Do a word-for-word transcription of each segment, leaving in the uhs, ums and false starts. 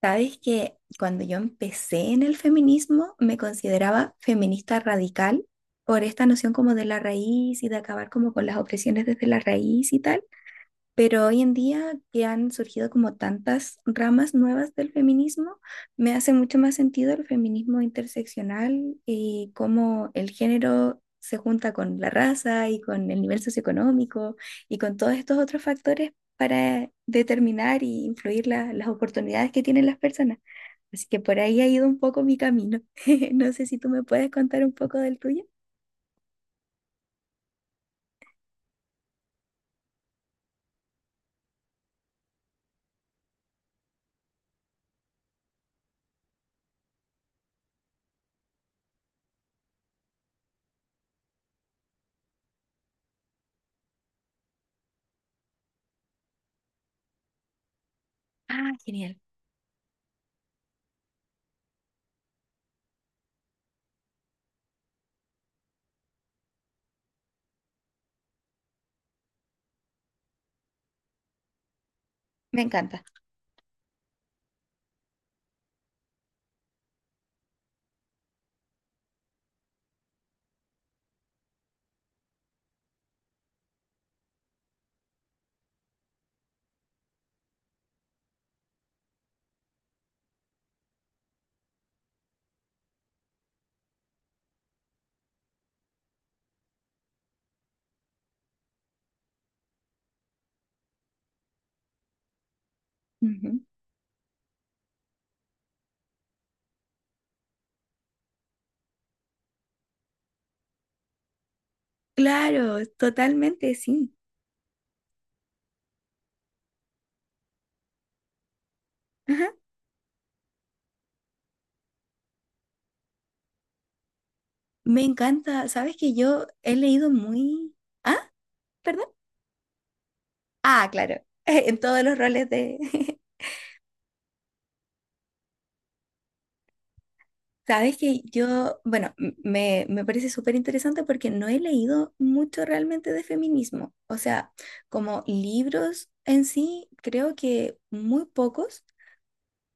Sabes que cuando yo empecé en el feminismo me consideraba feminista radical por esta noción como de la raíz y de acabar como con las opresiones desde la raíz y tal, pero hoy en día que han surgido como tantas ramas nuevas del feminismo, me hace mucho más sentido el feminismo interseccional y cómo el género se junta con la raza y con el nivel socioeconómico y con todos estos otros factores para determinar y influir la- las oportunidades que tienen las personas. Así que por ahí ha ido un poco mi camino. No sé si tú me puedes contar un poco del tuyo. Ah, genial. Me encanta. Ujú. Claro, totalmente, sí. Ajá. Me encanta. Sabes que yo he leído muy... Ah, perdón. Ah, claro. En todos los roles de... Sabes que yo, bueno, m- me, me parece súper interesante porque no he leído mucho realmente de feminismo. O sea, como libros en sí, creo que muy pocos.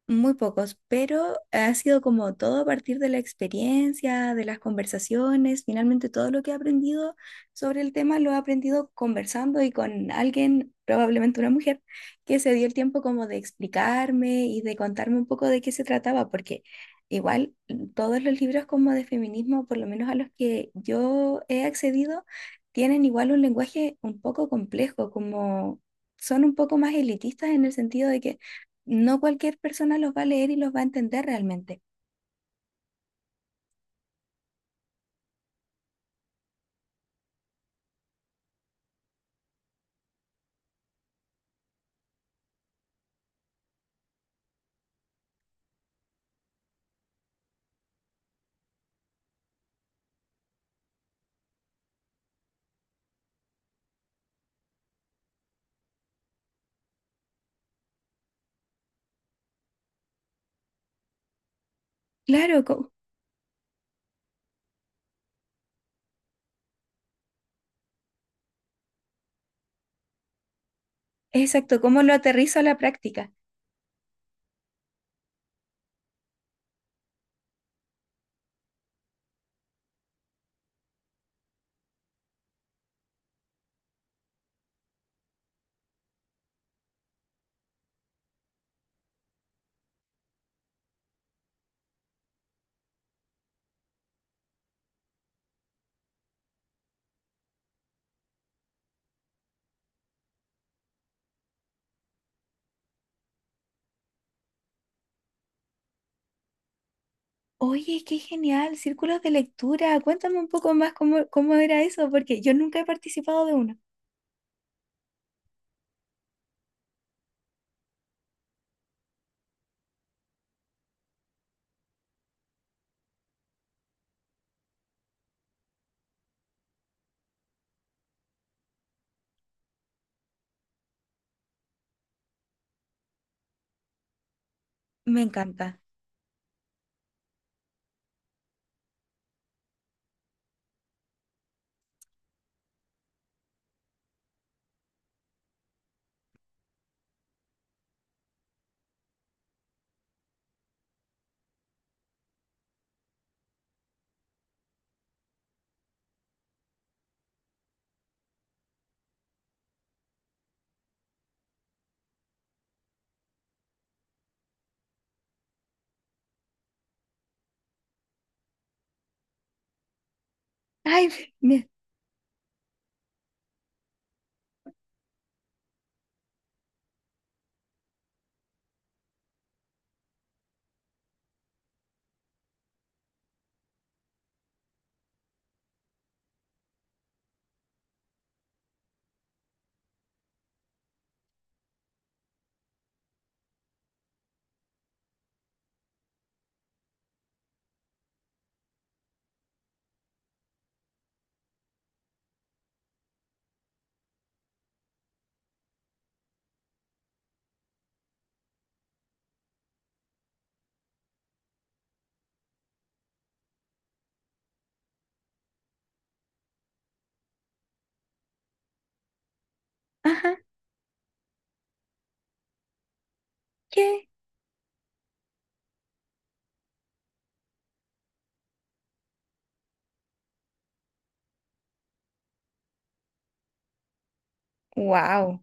Muy pocos, pero ha sido como todo a partir de la experiencia, de las conversaciones. Finalmente, todo lo que he aprendido sobre el tema lo he aprendido conversando y con alguien, probablemente una mujer, que se dio el tiempo como de explicarme y de contarme un poco de qué se trataba, porque igual mm, todos los libros como de feminismo, por lo menos a los que yo he accedido, tienen igual un lenguaje un poco complejo, como son un poco más elitistas en el sentido de que no cualquier persona los va a leer y los va a entender realmente. Claro, co- exacto, ¿cómo lo aterrizo a la práctica? Oye, qué genial, círculos de lectura, cuéntame un poco más cómo, cómo era eso, porque yo nunca he participado de uno. Me encanta. Ay, me, ajá, ¿qué? Wow,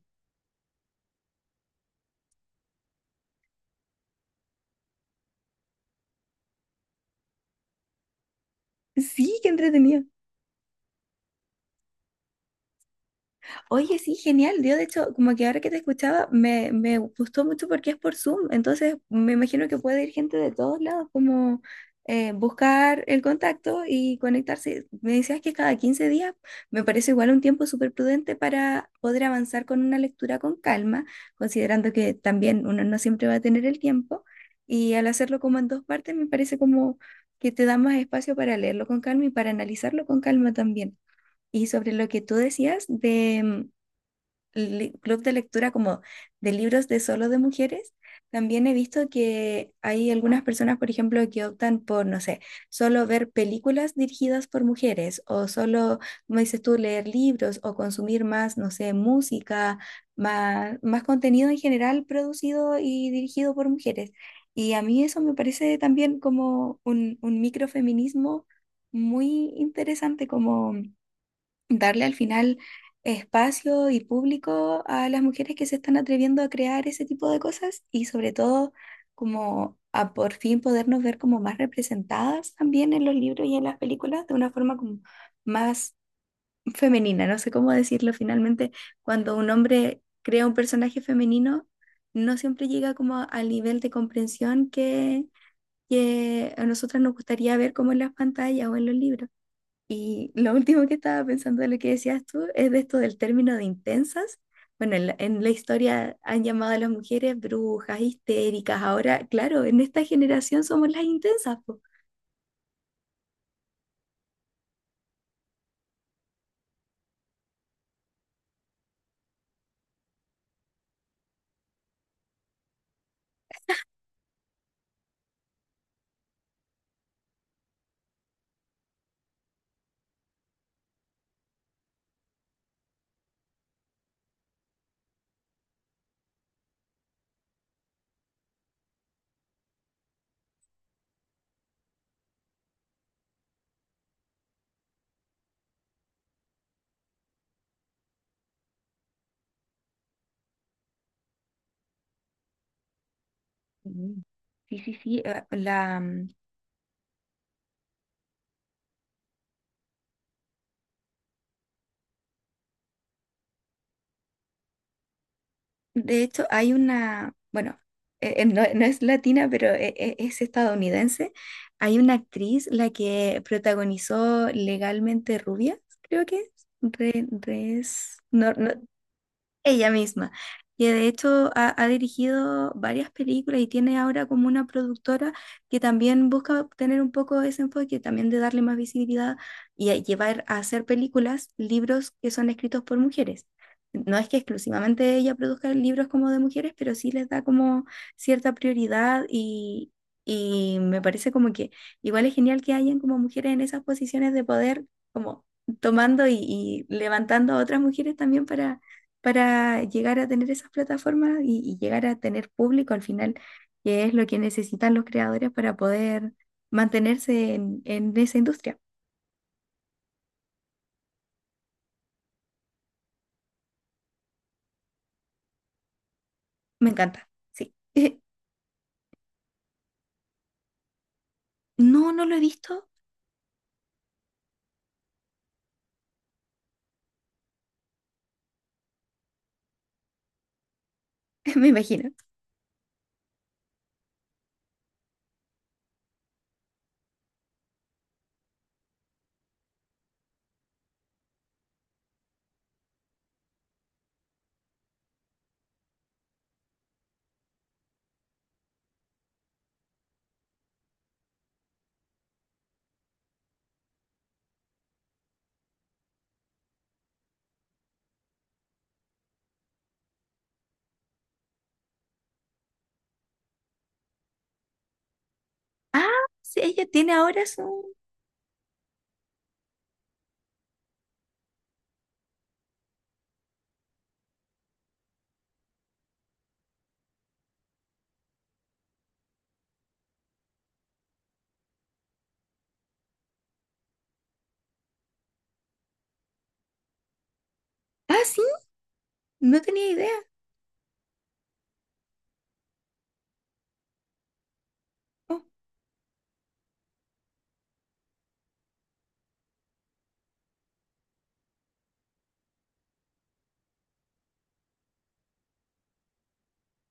sí, qué entretenido. Oye, sí, genial. Yo, de hecho, como que ahora que te escuchaba, me, me gustó mucho porque es por Zoom. Entonces, me imagino que puede ir gente de todos lados, como eh, buscar el contacto y conectarse. Me decías que cada quince días me parece igual un tiempo súper prudente para poder avanzar con una lectura con calma, considerando que también uno no siempre va a tener el tiempo. Y al hacerlo como en dos partes, me parece como que te da más espacio para leerlo con calma y para analizarlo con calma también. Y sobre lo que tú decías de, li- club de lectura como de libros de solo de mujeres, también he visto que hay algunas personas, por ejemplo, que optan por, no sé, solo ver películas dirigidas por mujeres o solo, como dices tú, leer libros o consumir más, no sé, música, más, más contenido en general producido y dirigido por mujeres. Y a mí eso me parece también como un, un microfeminismo muy interesante, como darle al final espacio y público a las mujeres que se están atreviendo a crear ese tipo de cosas y sobre todo como a por fin podernos ver como más representadas también en los libros y en las películas de una forma como más femenina. No sé cómo decirlo finalmente, cuando un hombre crea un personaje femenino, no siempre llega como al nivel de comprensión que, que a nosotras nos gustaría ver como en las pantallas o en los libros. Y lo último que estaba pensando de lo que decías tú es de esto del término de intensas. Bueno, en la, en la historia han llamado a las mujeres brujas, histéricas. Ahora, claro, en esta generación somos las intensas, po. Mm. Sí, sí, sí. eh, La, mm, De hecho, hay una, bueno, eh, eh, no, no es latina, pero eh, eh, es estadounidense. Hay una actriz, la que protagonizó Legalmente Rubia, creo que es. Re- Res- no, no, ella misma. Y de hecho ha, ha dirigido varias películas y tiene ahora como una productora que también busca tener un poco ese enfoque, también de darle más visibilidad y a llevar a hacer películas, libros que son escritos por mujeres. No es que exclusivamente ella produzca libros como de mujeres, pero sí les da como cierta prioridad y, y me parece como que igual es genial que hayan como mujeres en esas posiciones de poder, como tomando y, y levantando a otras mujeres también para para llegar a tener esas plataformas y, y llegar a tener público al final, que es lo que necesitan los creadores para poder mantenerse en, en esa industria. Me encanta, sí. Eh, no, no lo he visto. Me imagino. Ah, sí, ella tiene ahora su... Ah, sí, no tenía idea. Oh,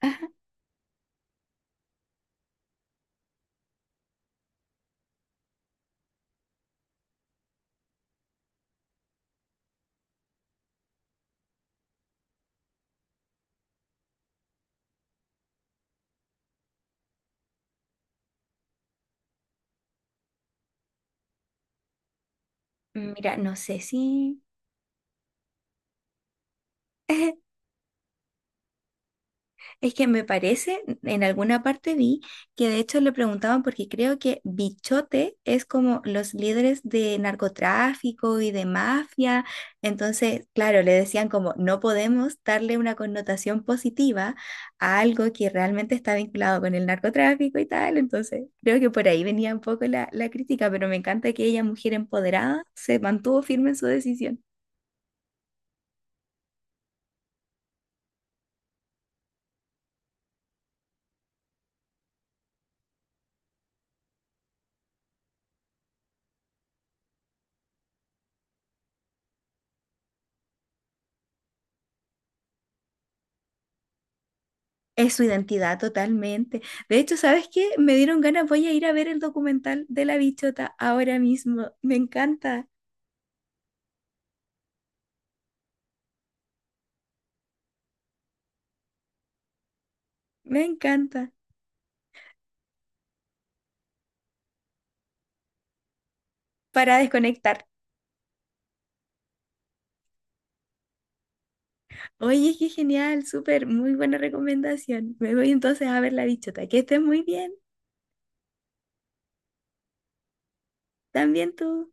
ajá. Mira, no sé si... Es que me parece, en alguna parte vi que de hecho le preguntaban porque creo que Bichote es como los líderes de narcotráfico y de mafia. Entonces, claro, le decían como no podemos darle una connotación positiva a algo que realmente está vinculado con el narcotráfico y tal. Entonces, creo que por ahí venía un poco la, la crítica, pero me encanta que ella, mujer empoderada, se mantuvo firme en su decisión. Es su identidad totalmente. De hecho, ¿sabes qué? Me dieron ganas, voy a ir a ver el documental de la bichota ahora mismo. Me encanta, me encanta. Para desconectar. Oye, qué genial, súper, muy buena recomendación. Me voy entonces a ver la bichota. Que estés muy bien, también tú.